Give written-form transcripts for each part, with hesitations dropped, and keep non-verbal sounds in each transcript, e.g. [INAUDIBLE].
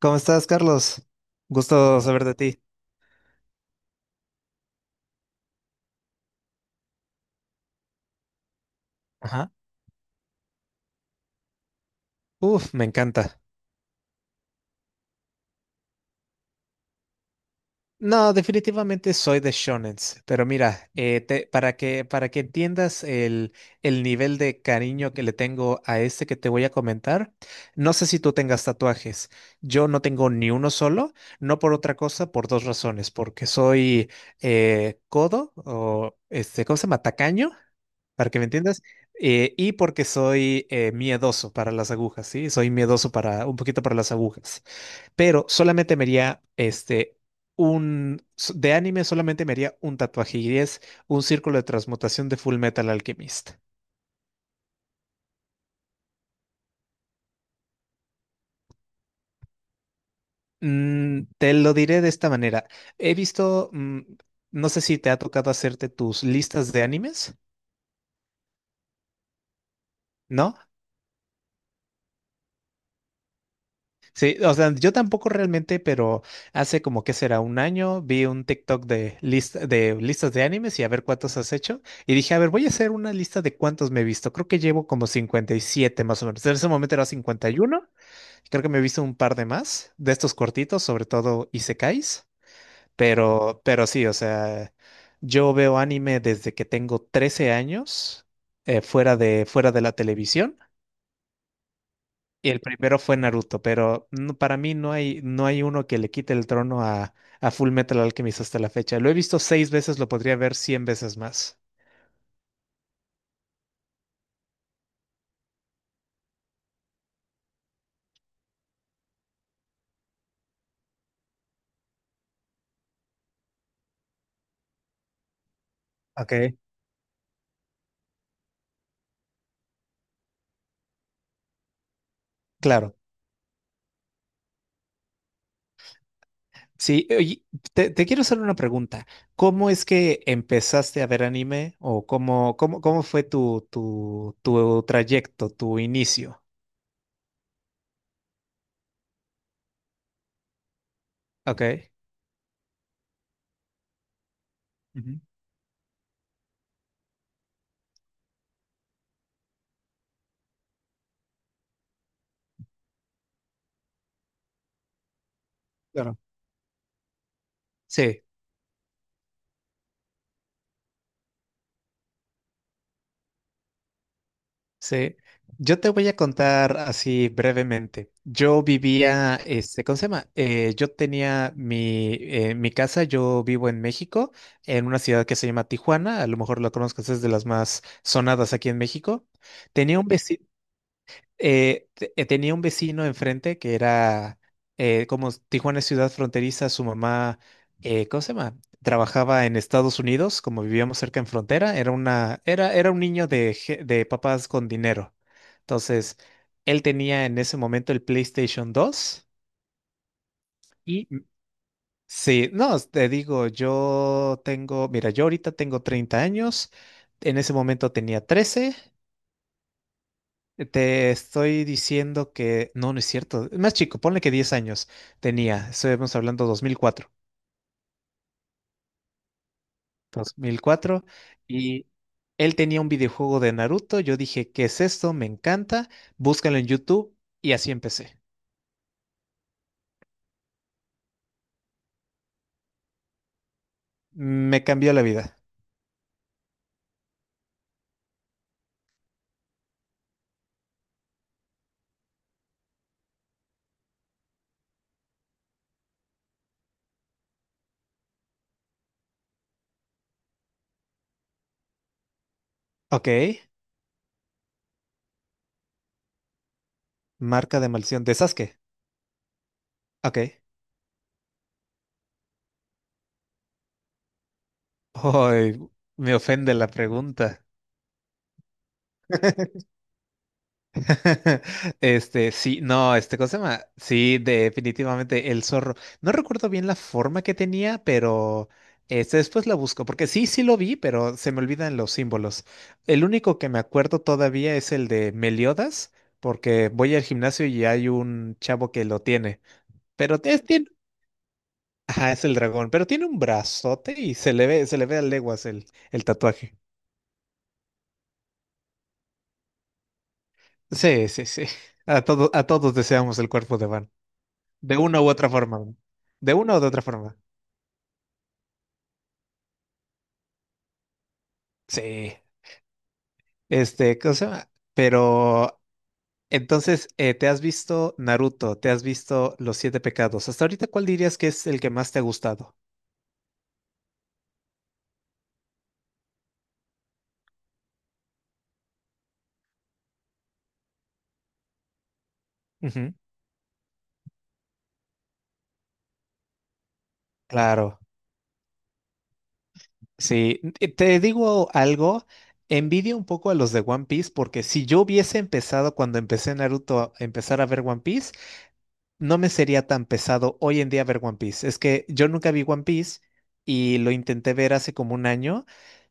¿Cómo estás, Carlos? Gusto saber de ti. Ajá. Uf, me encanta. No, definitivamente soy de shonens, pero mira, para que entiendas el nivel de cariño que le tengo a este que te voy a comentar, no sé si tú tengas tatuajes. Yo no tengo ni uno solo, no por otra cosa, por dos razones, porque soy codo o este, ¿cómo se llama? Tacaño para que me entiendas, y porque soy miedoso para las agujas, ¿sí? Soy miedoso para un poquito para las agujas, pero solamente me haría este de anime solamente me haría un tatuaje y es un círculo de transmutación de Full Metal Alchemist. Te lo diré de esta manera. He visto, no sé si te ha tocado hacerte tus listas de animes, ¿no? Sí, o sea, yo tampoco realmente, pero hace como que será un año vi un TikTok de lista, de listas de animes y a ver cuántos has hecho. Y dije, a ver, voy a hacer una lista de cuántos me he visto. Creo que llevo como 57 más o menos. En ese momento era 51. Creo que me he visto un par de más de estos cortitos, sobre todo Isekais. Pero sí, o sea, yo veo anime desde que tengo 13 años, fuera de la televisión. Y el primero fue Naruto, para mí no hay uno que le quite el trono a Full Metal Alchemist hasta la fecha. Lo he visto seis veces, lo podría ver 100 veces más. Ok. Claro. Sí, oye, te quiero hacer una pregunta. ¿Cómo es que empezaste a ver anime o cómo fue tu trayecto, tu inicio? Ok. Ujú. Claro. Sí. Sí, yo te voy a contar así brevemente. Yo vivía, este, ¿cómo se llama? Yo tenía mi casa, yo vivo en México, en una ciudad que se llama Tijuana, a lo mejor lo conozcas, es de las más sonadas aquí en México. Tenía un vecino tenía un vecino enfrente que era, como Tijuana es ciudad fronteriza, su mamá, ¿cómo se llama? Trabajaba en Estados Unidos, como vivíamos cerca en frontera, era un niño de papás con dinero. Entonces, él tenía en ese momento el PlayStation 2 y m- sí, no, te digo, yo tengo, mira, yo ahorita tengo 30 años, en ese momento tenía 13. Te estoy diciendo que no, no es cierto. Más chico, ponle que 10 años tenía. Estamos hablando 2004, 2004. Y él tenía un videojuego de Naruto. Yo dije, ¿qué es esto? Me encanta. Búscalo en YouTube. Y así empecé. Me cambió la vida. Ok. Marca de maldición de Sasuke. Ok. Ay, me ofende la pregunta. [LAUGHS] [LAUGHS] Este, sí, no, este, ¿cómo se llama? Sí, definitivamente el zorro. No recuerdo bien la forma que tenía, pero este, después la busco, porque sí, sí lo vi, pero se me olvidan los símbolos. El único que me acuerdo todavía es el de Meliodas, porque voy al gimnasio y hay un chavo que lo tiene, pero tiene, ajá, es el dragón, pero tiene un brazote y se le ve a leguas el tatuaje. Sí, sí, sí. A todos deseamos el cuerpo de Van. De una u otra forma, ¿no? De una u otra forma. Sí, este, ¿cómo se llama? Pero entonces, ¿te has visto Naruto? ¿Te has visto Los Siete Pecados? Hasta ahorita, ¿cuál dirías que es el que más te ha gustado? Ujú. Claro, sí. Te digo algo, envidio un poco a los de One Piece porque si yo hubiese empezado cuando empecé Naruto a empezar a ver One Piece, no me sería tan pesado hoy en día ver One Piece. Es que yo nunca vi One Piece y lo intenté ver hace como un año.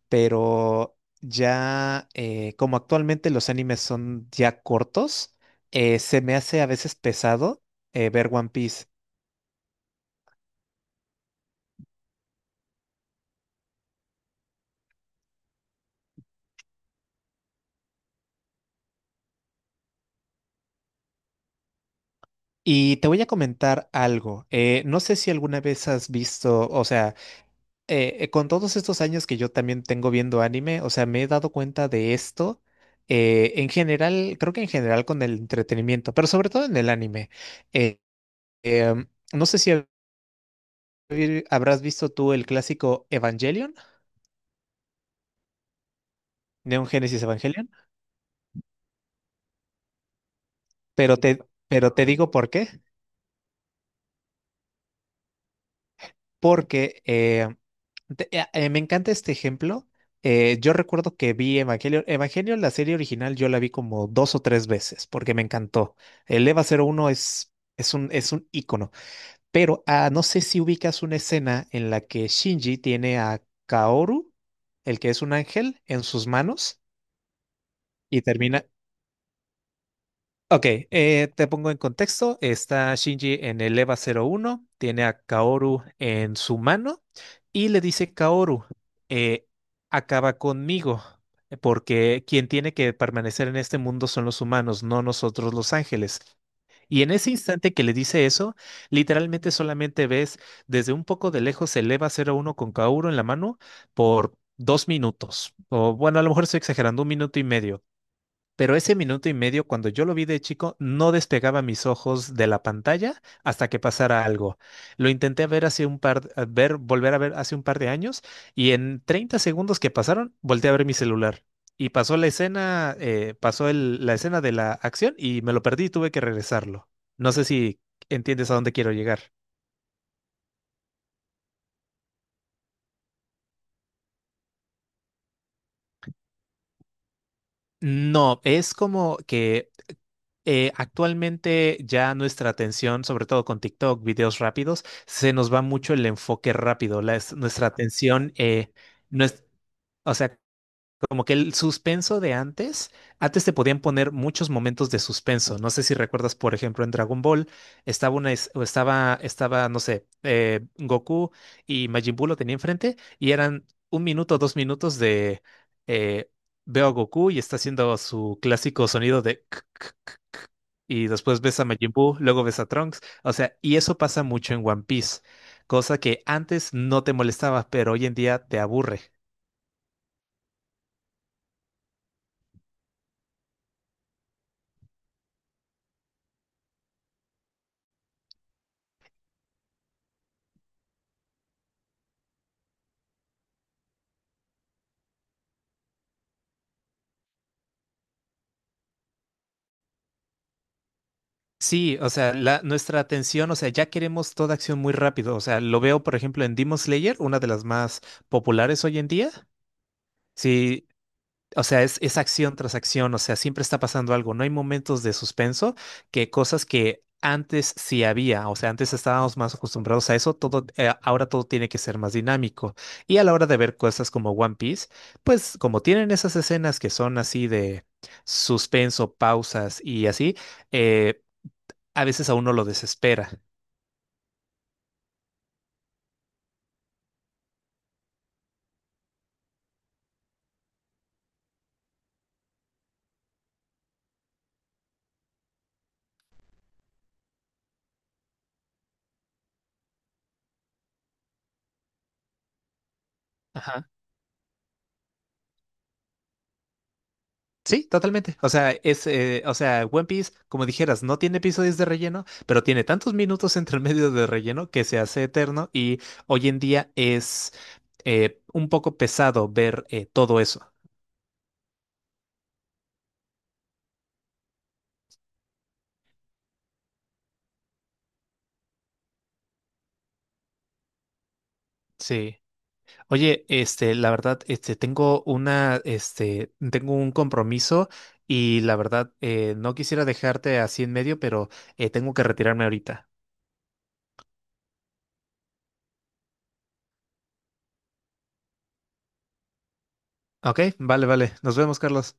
Pero ya, como actualmente los animes son ya cortos, se me hace a veces pesado ver One Piece. Y te voy a comentar algo. No sé si alguna vez has visto, o sea, con todos estos años que yo también tengo viendo anime, o sea, me he dado cuenta de esto. En general, creo que en general con el entretenimiento, pero sobre todo en el anime. Eh, no sé si habrás visto tú el clásico Evangelion, Neon Genesis Evangelion. Pero te, pero te digo por qué. Porque me encanta este ejemplo. Yo recuerdo que vi Evangelion, la serie original, yo la vi como dos o tres veces porque me encantó. El EVA-01 es un ícono. Pero no sé si ubicas una escena en la que Shinji tiene a Kaoru, el que es un ángel, en sus manos y termina. Ok, te pongo en contexto. Está Shinji en el EVA-01, tiene a Kaoru en su mano y le dice Kaoru, eh, acaba conmigo, porque quien tiene que permanecer en este mundo son los humanos, no nosotros los ángeles. Y en ese instante que le dice eso, literalmente solamente ves desde un poco de lejos el EVA-01 con Kaoru en la mano por 2 minutos. O bueno, a lo mejor estoy exagerando, un minuto y medio, pero ese minuto y medio, cuando yo lo vi de chico, no despegaba mis ojos de la pantalla hasta que pasara algo. Lo intenté ver hace un par, a ver, volver a ver hace un par de años, y en 30 segundos que pasaron, volteé a ver mi celular. Y pasó la escena, pasó la escena de la acción y me lo perdí y tuve que regresarlo. No sé si entiendes a dónde quiero llegar. No, es como que actualmente ya nuestra atención, sobre todo con TikTok, videos rápidos, se nos va mucho el enfoque rápido, nuestra atención, no es- o sea, como que el suspenso de antes, antes te podían poner muchos momentos de suspenso. No sé si recuerdas, por ejemplo, en Dragon Ball estaba una, es- o estaba, estaba, no sé, Goku y Majin Buu lo tenía enfrente y eran un minuto, 2 minutos de eh, veo a Goku y está haciendo su clásico sonido de [LAUGHS] Y después ves a Majin Buu, luego ves a Trunks. O sea, y eso pasa mucho en One Piece, cosa que antes no te molestaba, pero hoy en día te aburre. Sí, o sea, nuestra atención, o sea, ya queremos toda acción muy rápido. O sea, lo veo, por ejemplo, en Demon Slayer, una de las más populares hoy en día. Sí. O sea, es acción tras acción, o sea, siempre está pasando algo. No hay momentos de suspenso que cosas que antes sí había, o sea, antes estábamos más acostumbrados a eso, todo, ahora todo tiene que ser más dinámico. Y a la hora de ver cosas como One Piece, pues como tienen esas escenas que son así de suspenso, pausas y así, eh, a veces a uno lo desespera. Sí, totalmente. O sea, o sea, One Piece, como dijeras, no tiene episodios de relleno, pero tiene tantos minutos entre medio de relleno que se hace eterno y hoy en día es un poco pesado ver todo eso. Sí. Oye, este, la verdad, este, este, tengo un compromiso y la verdad, no quisiera dejarte así en medio, pero tengo que retirarme ahorita. Ok, vale, vale. Nos vemos, Carlos.